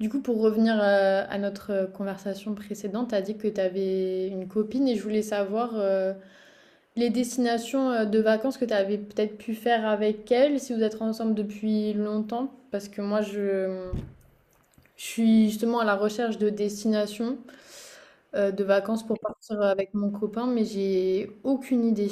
Du coup, pour revenir, à notre, conversation précédente, tu as dit que tu avais une copine et je voulais savoir, les destinations, de vacances que tu avais peut-être pu faire avec elle, si vous êtes ensemble depuis longtemps? Parce que moi je suis justement à la recherche de destinations, de vacances pour partir, avec mon copain, mais j'ai aucune idée.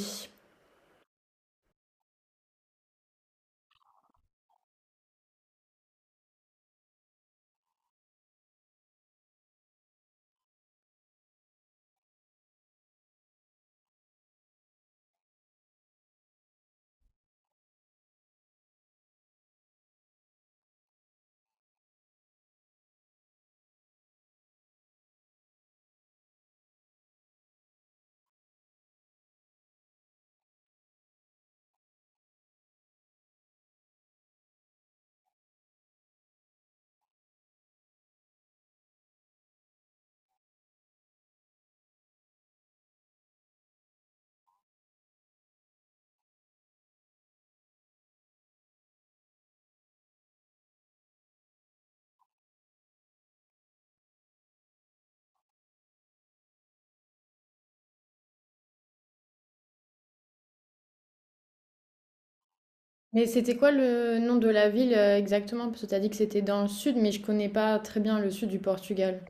Mais c'était quoi le nom de la ville, exactement? Parce que tu as dit que c'était dans le sud, mais je connais pas très bien le sud du Portugal.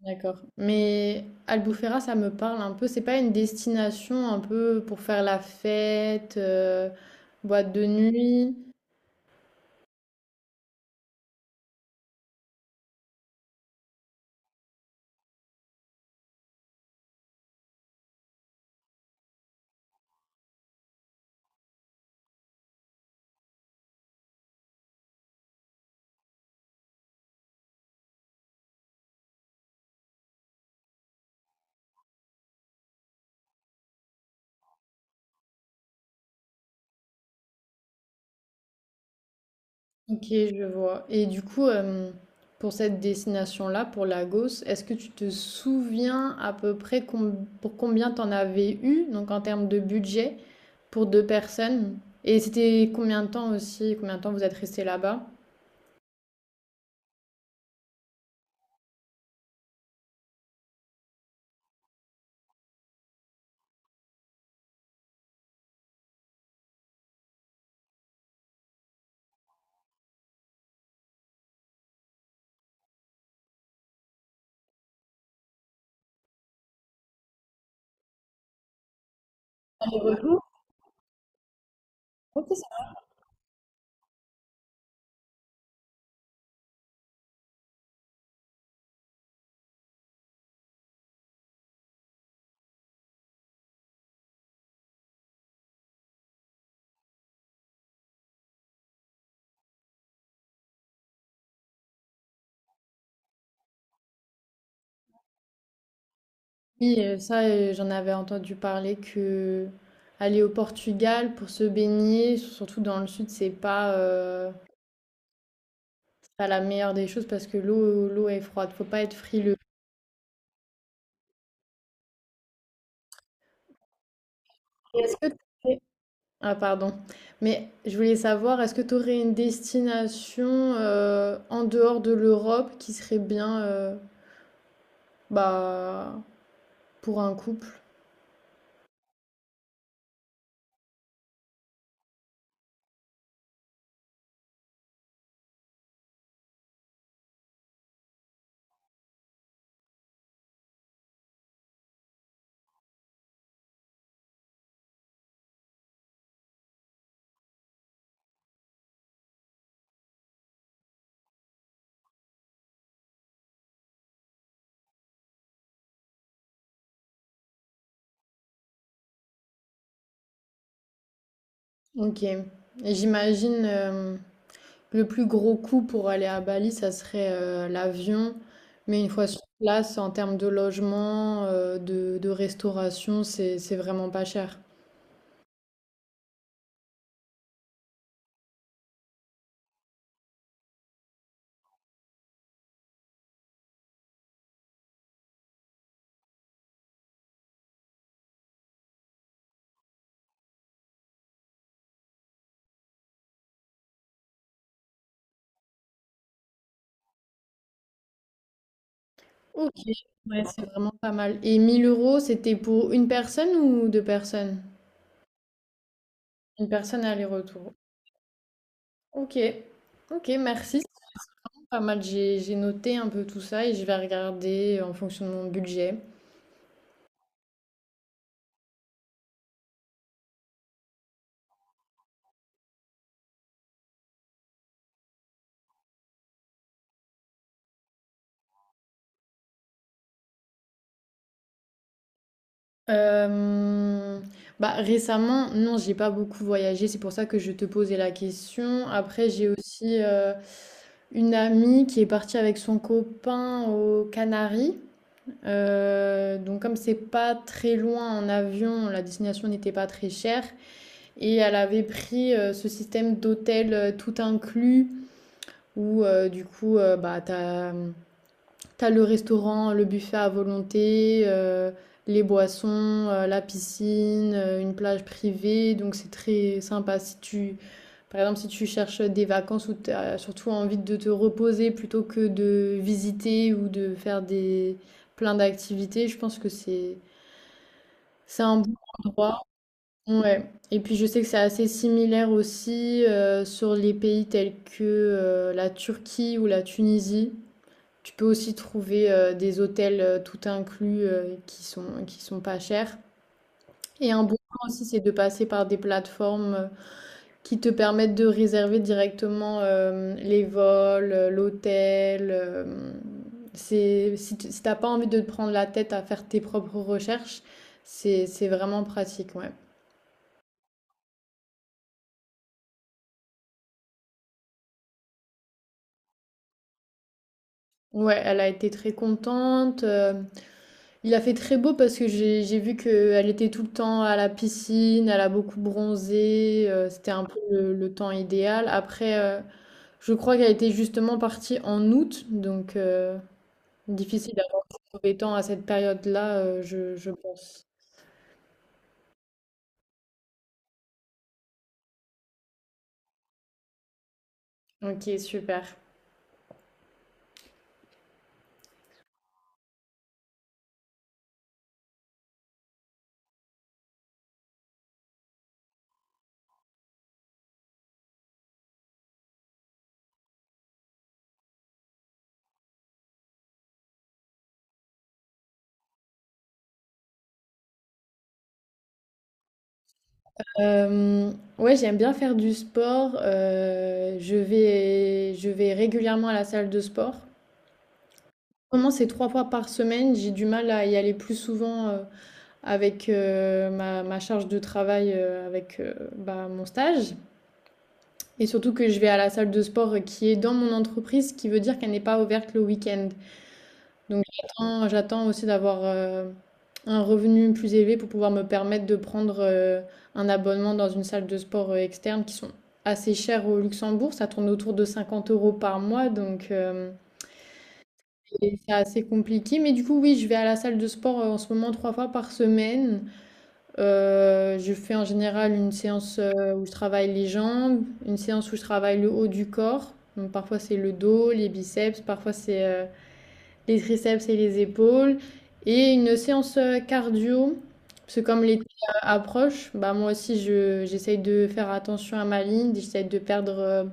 D'accord. Mais Albufeira, ça me parle un peu. C'est pas une destination un peu pour faire la fête, boîte de nuit. Ok, je vois. Et du coup, pour cette destination-là, pour Lagos, est-ce que tu te souviens à peu près pour combien t'en avais eu, donc en termes de budget, pour deux personnes? Et c'était combien de temps aussi, combien de temps vous êtes resté là-bas? Oui, ça, j'en avais entendu parler que aller au Portugal pour se baigner, surtout dans le sud, c'est pas la meilleure des choses parce que l'eau est froide. Faut pas être frileux. Et t'aurais- Ah, pardon. Mais je voulais savoir, est-ce que tu aurais une destination en dehors de l'Europe qui serait bien bah, pour un couple? Ok. Et j'imagine. Le plus gros coût pour aller à Bali, ça serait l'avion. Mais une fois sur place, en termes de logement, de restauration, c'est vraiment pas cher. Ok, ouais, c'est vraiment pas mal. Et 1 000 euros, c'était pour une personne ou deux personnes? Une personne aller-retour. Ok, ok, merci. C'est pas mal. J'ai noté un peu tout ça et je vais regarder en fonction de mon budget. Euh, bah récemment, non, j'ai pas beaucoup voyagé, c'est pour ça que je te posais la question. Après, j'ai aussi une amie qui est partie avec son copain aux Canaries. Donc comme c'est pas très loin en avion, la destination n'était pas très chère et elle avait pris ce système d'hôtel tout inclus où bah t'as le restaurant, le buffet à volonté, les boissons, la piscine, une plage privée, donc c'est très sympa. Si tu, par exemple, si tu cherches des vacances où tu as surtout envie de te reposer plutôt que de visiter ou de faire des plein d'activités, je pense que c'est un bon endroit. Ouais. Et puis je sais que c'est assez similaire aussi sur les pays tels que la Turquie ou la Tunisie. Tu peux aussi trouver des hôtels tout inclus qui qui sont pas chers. Et un bon point aussi, c'est de passer par des plateformes qui te permettent de réserver directement les vols, l'hôtel. C'est, si tu n'as pas envie de te prendre la tête à faire tes propres recherches, c'est vraiment pratique, ouais. Ouais, elle a été très contente. Il a fait très beau parce que j'ai vu qu'elle était tout le temps à la piscine, elle a beaucoup bronzé, c'était un peu le temps idéal. Après, je crois qu'elle était justement partie en août, donc difficile d'avoir trouvé temps à cette période-là, je pense. Ok, super. Euh, ouais, j'aime bien faire du sport. Je vais régulièrement à la salle de sport. Comment c'est 3 fois par semaine, j'ai du mal à y aller plus souvent. Avec ma, charge de travail avec bah, mon stage. Et surtout que je vais à la salle de sport qui est dans mon entreprise, ce qui veut dire qu'elle n'est pas ouverte le week-end. Donc j'attends aussi d'avoir un revenu plus élevé pour pouvoir me permettre de prendre un abonnement dans une salle de sport externe qui sont assez chères au Luxembourg. Ça tourne autour de 50 euros par mois, donc et c'est assez compliqué. Mais du coup, oui, je vais à la salle de sport en ce moment 3 fois par semaine. Je fais en général une séance où je travaille les jambes, une séance où je travaille le haut du corps. Donc parfois c'est le dos, les biceps, parfois c'est les triceps et les épaules. Et une séance cardio, parce que comme l'été approche, bah moi aussi j'essaye de faire attention à ma ligne, j'essaye de perdre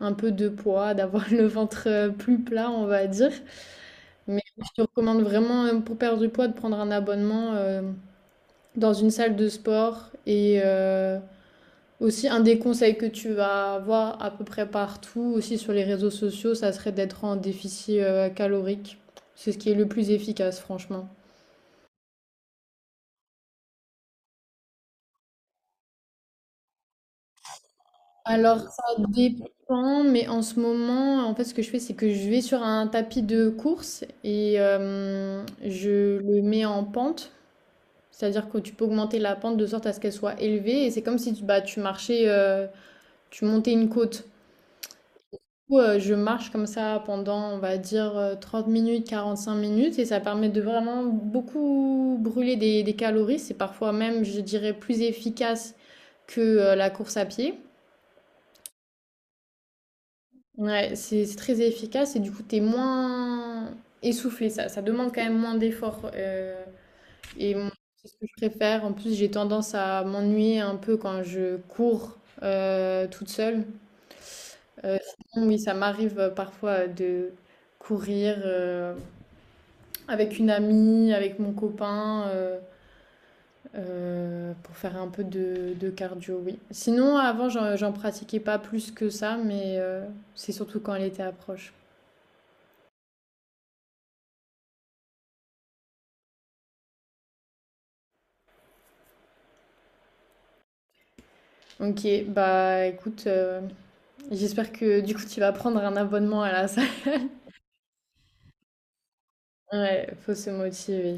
un peu de poids, d'avoir le ventre plus plat, on va dire. Mais je te recommande vraiment, pour perdre du poids, de prendre un abonnement. Dans une salle de sport. Et aussi, un des conseils que tu vas avoir à peu près partout, aussi sur les réseaux sociaux, ça serait d'être en déficit calorique. C'est ce qui est le plus efficace, franchement. Alors, ça dépend, mais en ce moment, en fait, ce que je fais, c'est que je vais sur un tapis de course et je le mets en pente. C'est-à-dire que tu peux augmenter la pente de sorte à ce qu'elle soit élevée. Et c'est comme si tu, bah, tu marchais, tu montais une côte. Coup, je marche comme ça pendant, on va dire, 30 minutes, 5 minutes, et ça permet de vraiment beaucoup brûler des calories. C'est parfois même, je dirais, plus efficace que la course à pied. Ouais, c'est très efficace et du coup, t'es moins essoufflé. Ça demande quand même moins d'efforts. Et moi, c'est ce que je préfère. En plus, j'ai tendance à m'ennuyer un peu quand je cours toute seule. Euh, sinon, oui, ça m'arrive parfois de courir. Avec une amie, avec mon copain, pour faire un peu de cardio, oui. Sinon, avant, j'en pratiquais pas plus que ça, mais c'est surtout quand elle était à proche. Ok, bah écoute, j'espère que du coup tu vas prendre un abonnement à la salle. Ouais, faut se motiver.